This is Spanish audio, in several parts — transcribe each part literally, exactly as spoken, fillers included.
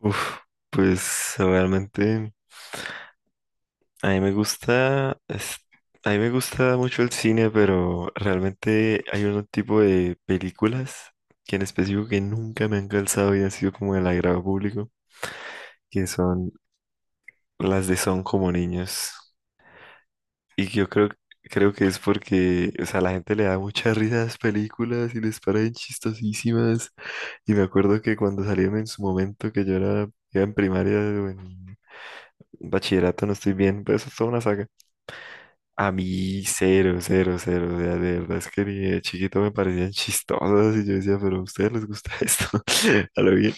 Uf, pues realmente a mí me gusta, es- a mí me gusta mucho el cine, pero realmente hay un tipo de películas que en específico que nunca me han calzado y han sido como el agrado público, que son las de Son como niños. Y que yo creo, creo que es porque, o sea, la gente le da mucha risa a las películas y les parecen chistosísimas. Y me acuerdo que cuando salieron en su momento, que yo era, iba en primaria o en bachillerato, no estoy bien, pero eso es toda una saga. A mí cero, cero, cero, o sea, de verdad es que ni de chiquito me parecían chistosas y yo decía, pero a ustedes les gusta esto, a lo bien,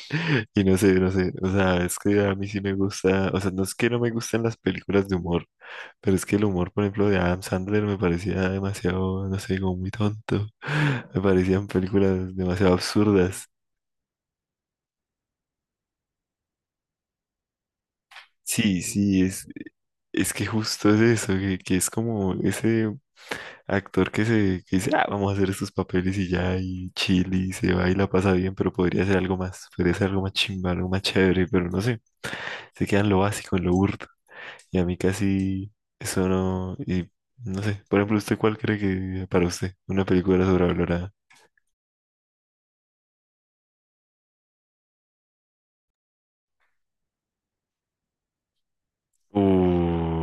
y no sé, no sé, o sea, es que a mí sí me gusta, o sea, no es que no me gusten las películas de humor, pero es que el humor, por ejemplo, de Adam Sandler me parecía demasiado, no sé, como muy tonto, me parecían películas demasiado absurdas. Sí, sí, es, Es que justo es eso, que, que es como ese actor que se que dice, ah, vamos a hacer estos papeles y ya, y chill, y se va y la pasa bien, pero podría ser algo más, podría ser algo más chimba, algo más chévere, pero no sé, se queda en lo básico, en lo burdo. Y a mí casi eso no, y no sé, por ejemplo, ¿usted cuál cree que para usted una película sobrevalorada? Uh,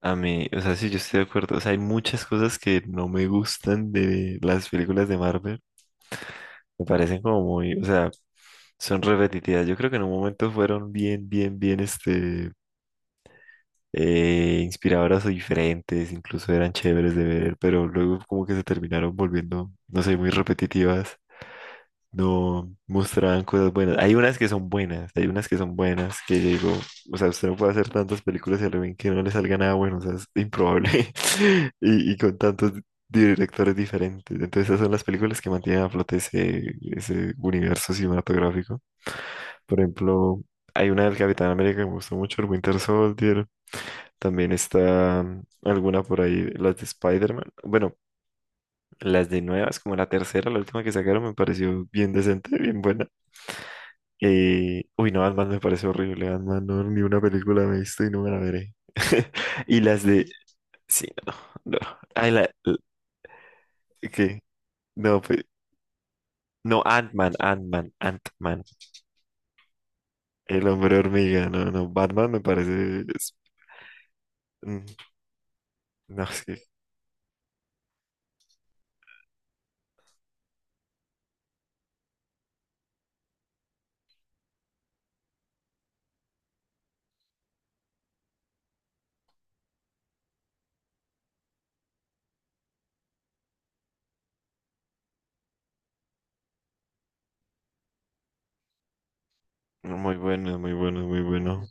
a mí, o sea, sí, yo estoy de acuerdo, o sea, hay muchas cosas que no me gustan de las películas de Marvel. Me parecen como muy, o sea, son repetitivas. Yo creo que en un momento fueron bien, bien, bien, este, eh, inspiradoras o diferentes, incluso eran chéveres de ver, pero luego como que se terminaron volviendo, no sé, muy repetitivas no mostraban cosas buenas. Hay unas que son buenas, hay unas que son buenas que yo digo, o sea, usted no puede hacer tantas películas y al ven que no le salga nada bueno, o sea, es improbable. Y, y con tantos directores diferentes. Entonces, esas son las películas que mantienen a flote ese, ese universo cinematográfico. Por ejemplo, hay una del Capitán América que me gustó mucho, el Winter Soldier. También está mm, alguna por ahí, las de Spider-Man. Bueno, las de nuevas, como la tercera, la última que sacaron, me pareció bien decente, bien buena. Eh, uy, no, Ant-Man me parece horrible. Ant-Man, no, ni una película me he visto y no me la veré. Y las de. Sí, no, no. Ay, la. la- ¿Qué? No, pe- no, Ant-Man, Ant-Man, Ant-Man. El hombre hormiga, no, no. Batman me parece. Es- mm, No, es que. No, Muy bueno, muy bueno, muy bueno.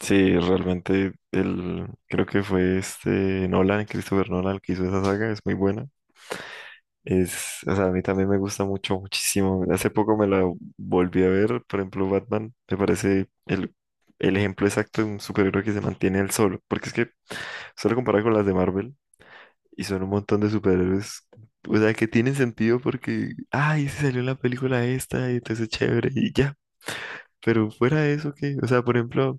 Sí, realmente, el, creo que fue este Nolan, Christopher Nolan, el que hizo esa saga, es muy buena. Es, o sea, a mí también me gusta mucho, muchísimo. Hace poco me la volví a ver, por ejemplo, Batman me parece el, el ejemplo exacto de un superhéroe que se mantiene él solo, porque es que solo comparar con las de Marvel y son un montón de superhéroes, o sea, que tienen sentido porque, ay, se salió en la película esta y entonces chévere y ya. Pero fuera de eso, ¿qué? O sea, por ejemplo,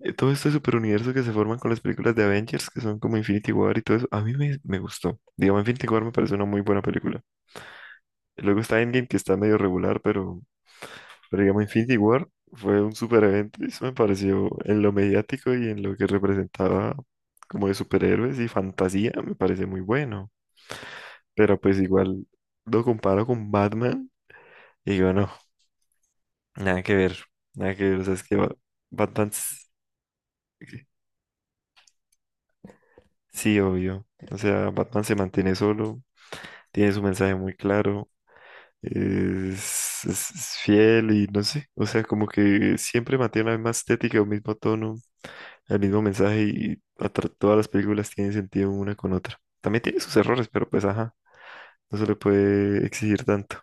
eh, todo este superuniverso que se forman con las películas de Avengers, que son como Infinity War y todo eso, a mí me, me gustó. Digamos, Infinity War me parece una muy buena película. Luego está Endgame, que está medio regular, pero, pero digamos Infinity War fue un super evento y eso me pareció en lo mediático y en lo que representaba como de superhéroes y fantasía, me parece muy bueno. Pero pues igual lo comparo con Batman y digo, no, nada que ver, nada que ver, o sea, es que Ba- Batman, s- sí, obvio, o sea, Batman se mantiene solo, tiene su mensaje muy claro. Es, es- es fiel y no sé, o sea, como que siempre mantiene la misma estética o mismo tono el mismo mensaje y atra- todas las películas tienen sentido una con otra. También tiene sus errores, pero pues ajá, no se le puede exigir tanto.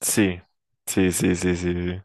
Sí, sí, sí, sí, sí. sí.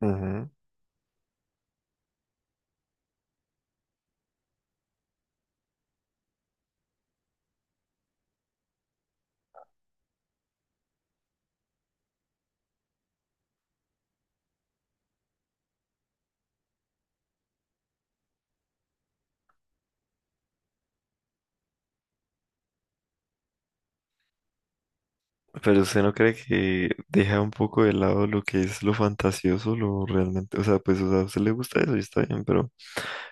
Ujú. Pero usted no cree que deja un poco de lado lo que es lo fantasioso, lo realmente, o sea, pues, o sea, a usted le gusta eso y está bien, pero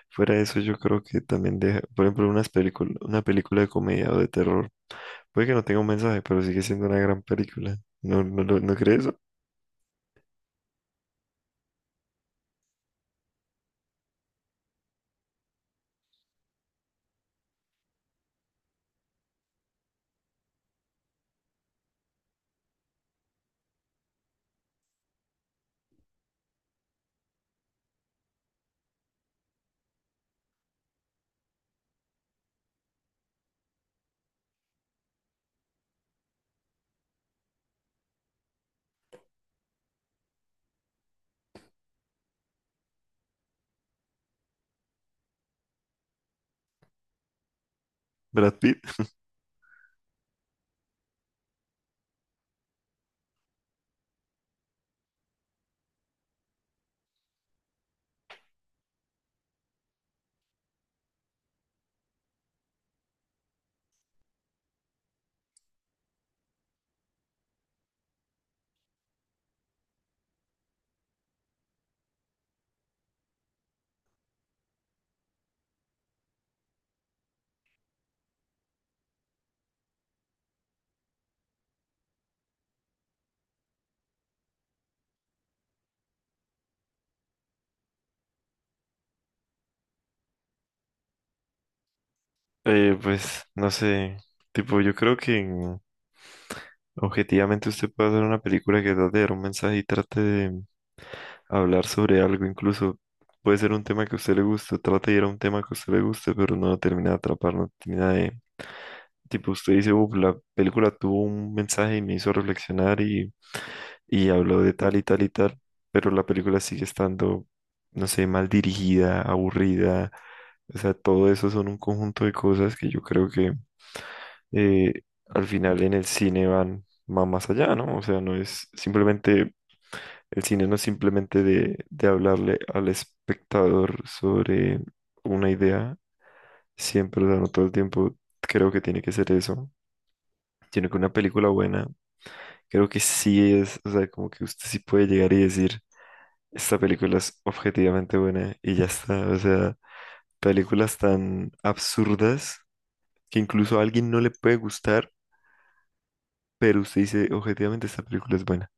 fuera de eso yo creo que también deja, por ejemplo, unas películas, una película de comedia o de terror, puede que no tenga un mensaje, pero sigue siendo una gran película. ¿No, no, lo- no cree eso? Brad Pitt. Eh, pues no sé, tipo yo creo que mm, objetivamente usted puede hacer una película que trate de dar un mensaje y trate de hablar sobre algo, incluso puede ser un tema que a usted le guste, trate de ir a un tema que a usted le guste, pero no lo termina de atrapar, no termina de... Tipo usted dice, uff, la película tuvo un mensaje y me hizo reflexionar y, y habló de tal y tal y tal, pero la película sigue estando, no sé, mal dirigida, aburrida, o sea, todo eso son un conjunto de cosas que yo creo que eh, al final en el cine van, va más allá, ¿no? O sea, no es simplemente, el cine no es simplemente de, de hablarle al espectador sobre una idea, siempre, o sea, no todo el tiempo creo que tiene que ser eso, sino que una película buena, creo que sí es, o sea, como que usted sí puede llegar y decir, esta película es objetivamente buena y ya está, o sea, películas tan absurdas que incluso a alguien no le puede gustar. Pero usted dice, objetivamente, esta película es buena.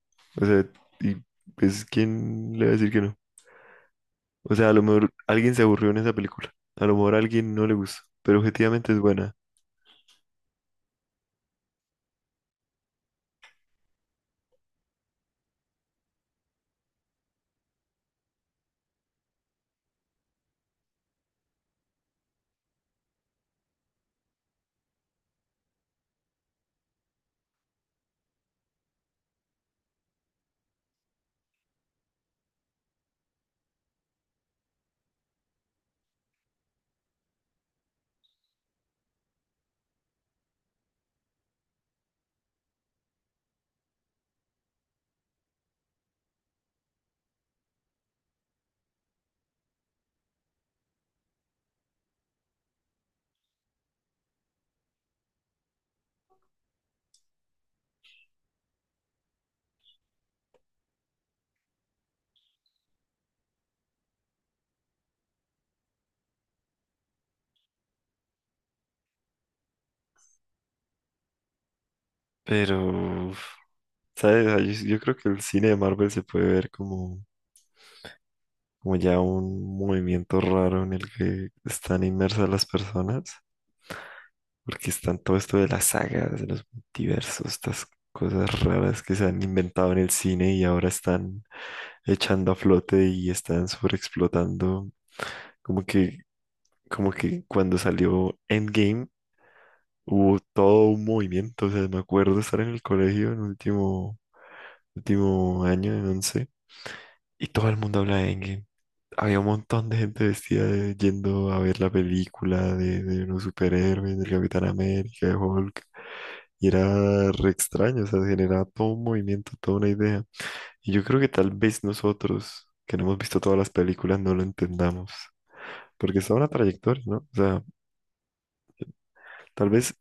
O sea, y pues, ¿quién le va a decir que no? O sea, a lo mejor alguien se aburrió en esa película. A lo mejor a alguien no le gustó. Pero objetivamente es buena. Pero, uf, ¿sabes? Ah, Yo, yo creo que el cine de Marvel se puede ver como, como ya un movimiento raro en el que están inmersas las personas. Porque están todo esto de las sagas, de los multiversos, estas cosas raras que se han inventado en el cine y ahora están echando a flote y están sobreexplotando. Como que, como que cuando salió Endgame hubo todo un movimiento. O sea, me acuerdo estar en el colegio en último, último año, en once, y todo el mundo habla de Endgame. Había un montón de gente vestida de- yendo a ver la película de, de los superhéroes, del Capitán América, de Hulk. Y era re extraño, o sea, generaba todo un movimiento, toda una idea. Y yo creo que tal vez nosotros, que no hemos visto todas las películas, no lo entendamos. Porque está una trayectoria, ¿no? O sea, tal vez,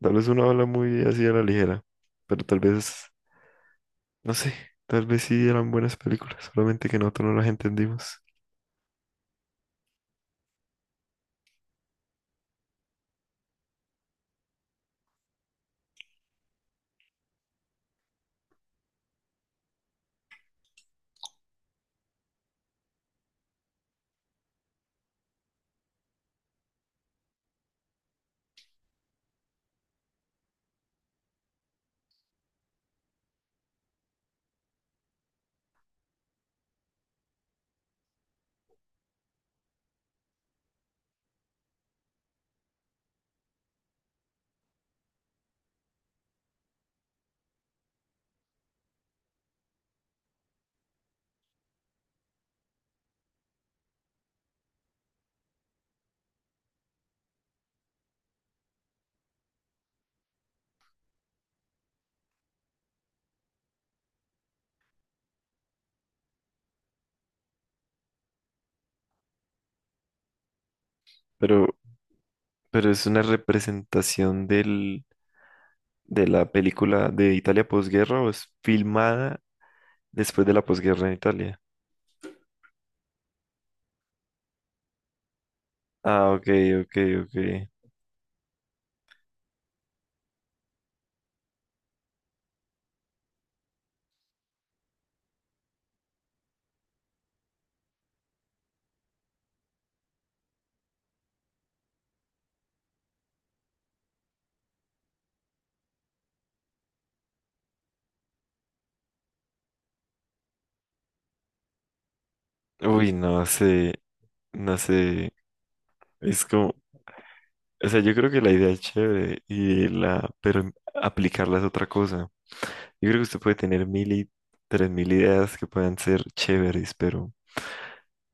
tal vez uno habla muy así a la ligera, pero tal vez, no sé, tal vez sí eran buenas películas, solamente que nosotros no las entendimos. Pero, pero es una representación del, de la película de Italia posguerra o es filmada después de la posguerra en Italia. Ah, ok, ok, ok. Uy, no sé, no sé, es como, o sea, yo creo que la idea es chévere y la, pero aplicarla es otra cosa. Yo creo que usted puede tener mil y tres mil ideas que puedan ser chéveres, pero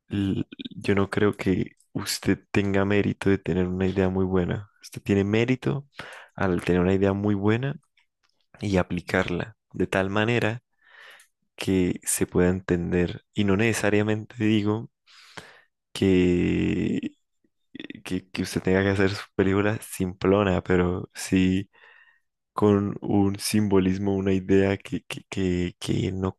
l- yo no creo que usted tenga mérito de tener una idea muy buena. Usted tiene mérito al tener una idea muy buena y aplicarla de tal manera que se pueda entender. Y no necesariamente digo que, que, que usted tenga que hacer su película simplona, pero sí con un simbolismo, una idea que, que, que, que no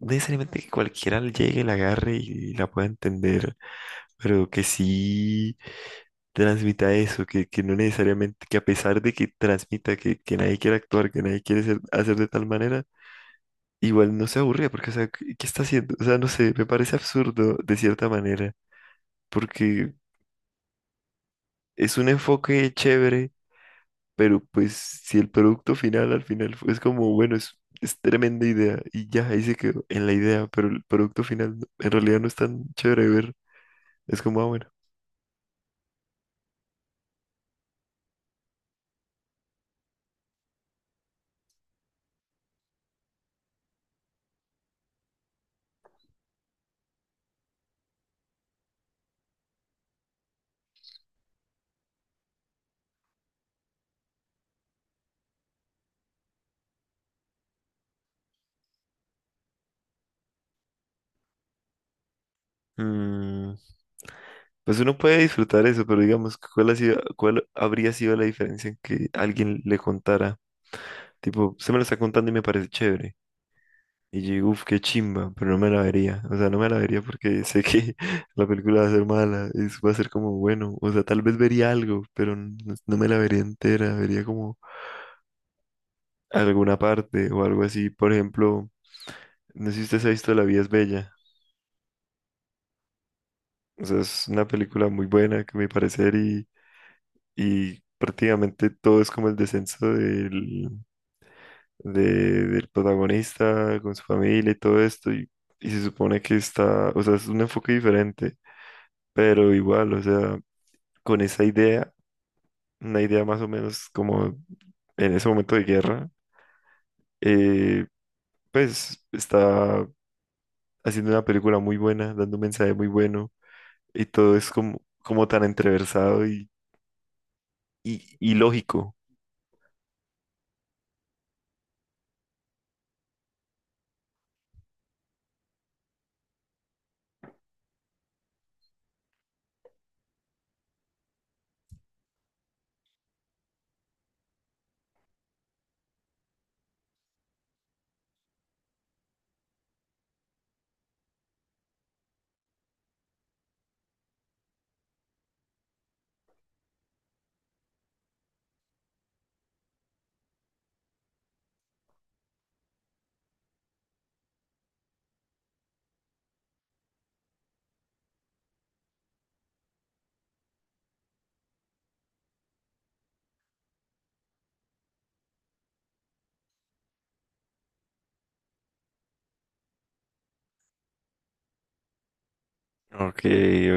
no necesariamente que cualquiera le llegue, la agarre y la pueda entender, pero que sí transmita eso, que, que no necesariamente, que a pesar de que transmita que, que nadie quiere actuar, que nadie quiere ser- hacer de tal manera, igual no se aburre, porque, o sea, ¿qué, ¿qué está haciendo? O sea, no sé, me parece absurdo de cierta manera, porque es un enfoque chévere, pero pues si el producto final al final es como, bueno, es... Es tremenda idea y ya ahí se quedó en la idea, pero el producto final en realidad no es tan chévere de ver. Es como, ah, bueno. Mm, pues uno puede disfrutar eso, pero digamos, ¿cuál ha sido, ¿cuál habría sido la diferencia en que alguien le contara? Tipo, se me lo está contando y me parece chévere. Y yo digo, uff, qué chimba, pero no me la vería. O sea, no me la vería porque sé que la película va a ser mala, es, va a ser como bueno. O sea, tal vez vería algo, pero n- no me la vería entera, vería como alguna parte o algo así. Por ejemplo, no sé si usted se ha visto La vida es bella. O sea, es una película muy buena, que me parece y y prácticamente todo es como el descenso del, de- del protagonista con su familia y todo esto, y, y se supone que está, o sea, es un enfoque diferente, pero igual, o sea, con esa idea, una idea más o menos como en ese momento de guerra, eh, pues está haciendo una película muy buena, dando un mensaje muy bueno, y todo es como, como tan entreversado y, y, y lógico. Ok,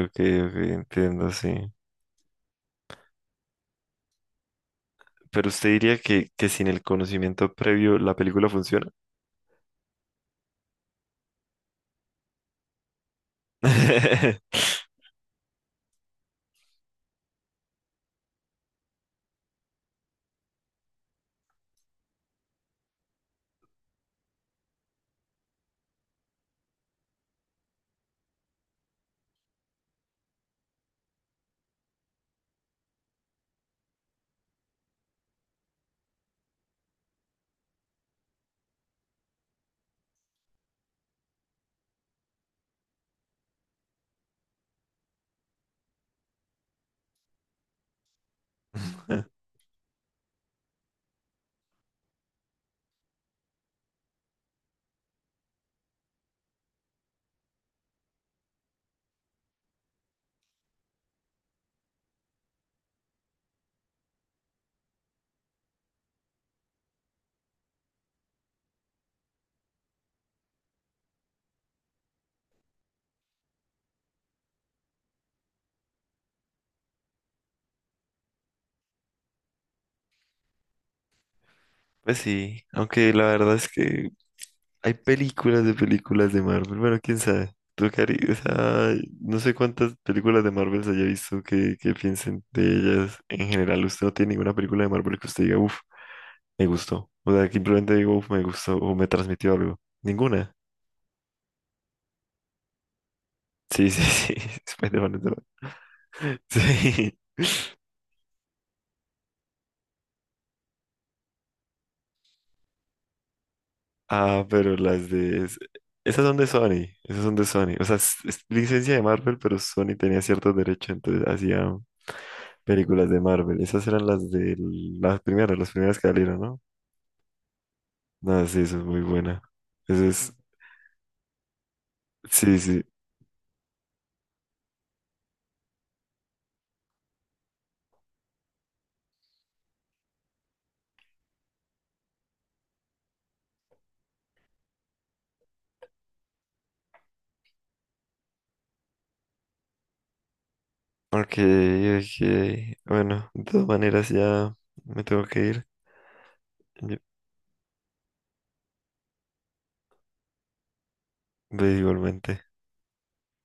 ok, ok, entiendo, sí. Pero usted diría que, que sin el conocimiento previo la película funciona. Pues sí, aunque la verdad es que hay películas de películas de Marvel. Bueno, quién sabe. Tú, Cari, o sea, no sé cuántas películas de Marvel se haya visto que, que piensen de ellas. En general, usted no tiene ninguna película de Marvel que usted diga, uff, me gustó. O sea, que simplemente digo, uff, me gustó o me transmitió algo. Ninguna. Sí, sí, sí. Spider-Man es de- Sí. Ah, pero las de... es- Esas son de Sony, esas son de Sony. O sea, es, es licencia de Marvel, pero Sony tenía ciertos derechos, entonces hacían películas de Marvel. Esas eran las de las primeras, las primeras que salieron, ¿no? No, sí, eso es muy buena. Eso es... Sí, sí. Ok, ok. Bueno, de todas maneras ya me tengo que ir. Yo- ve igualmente.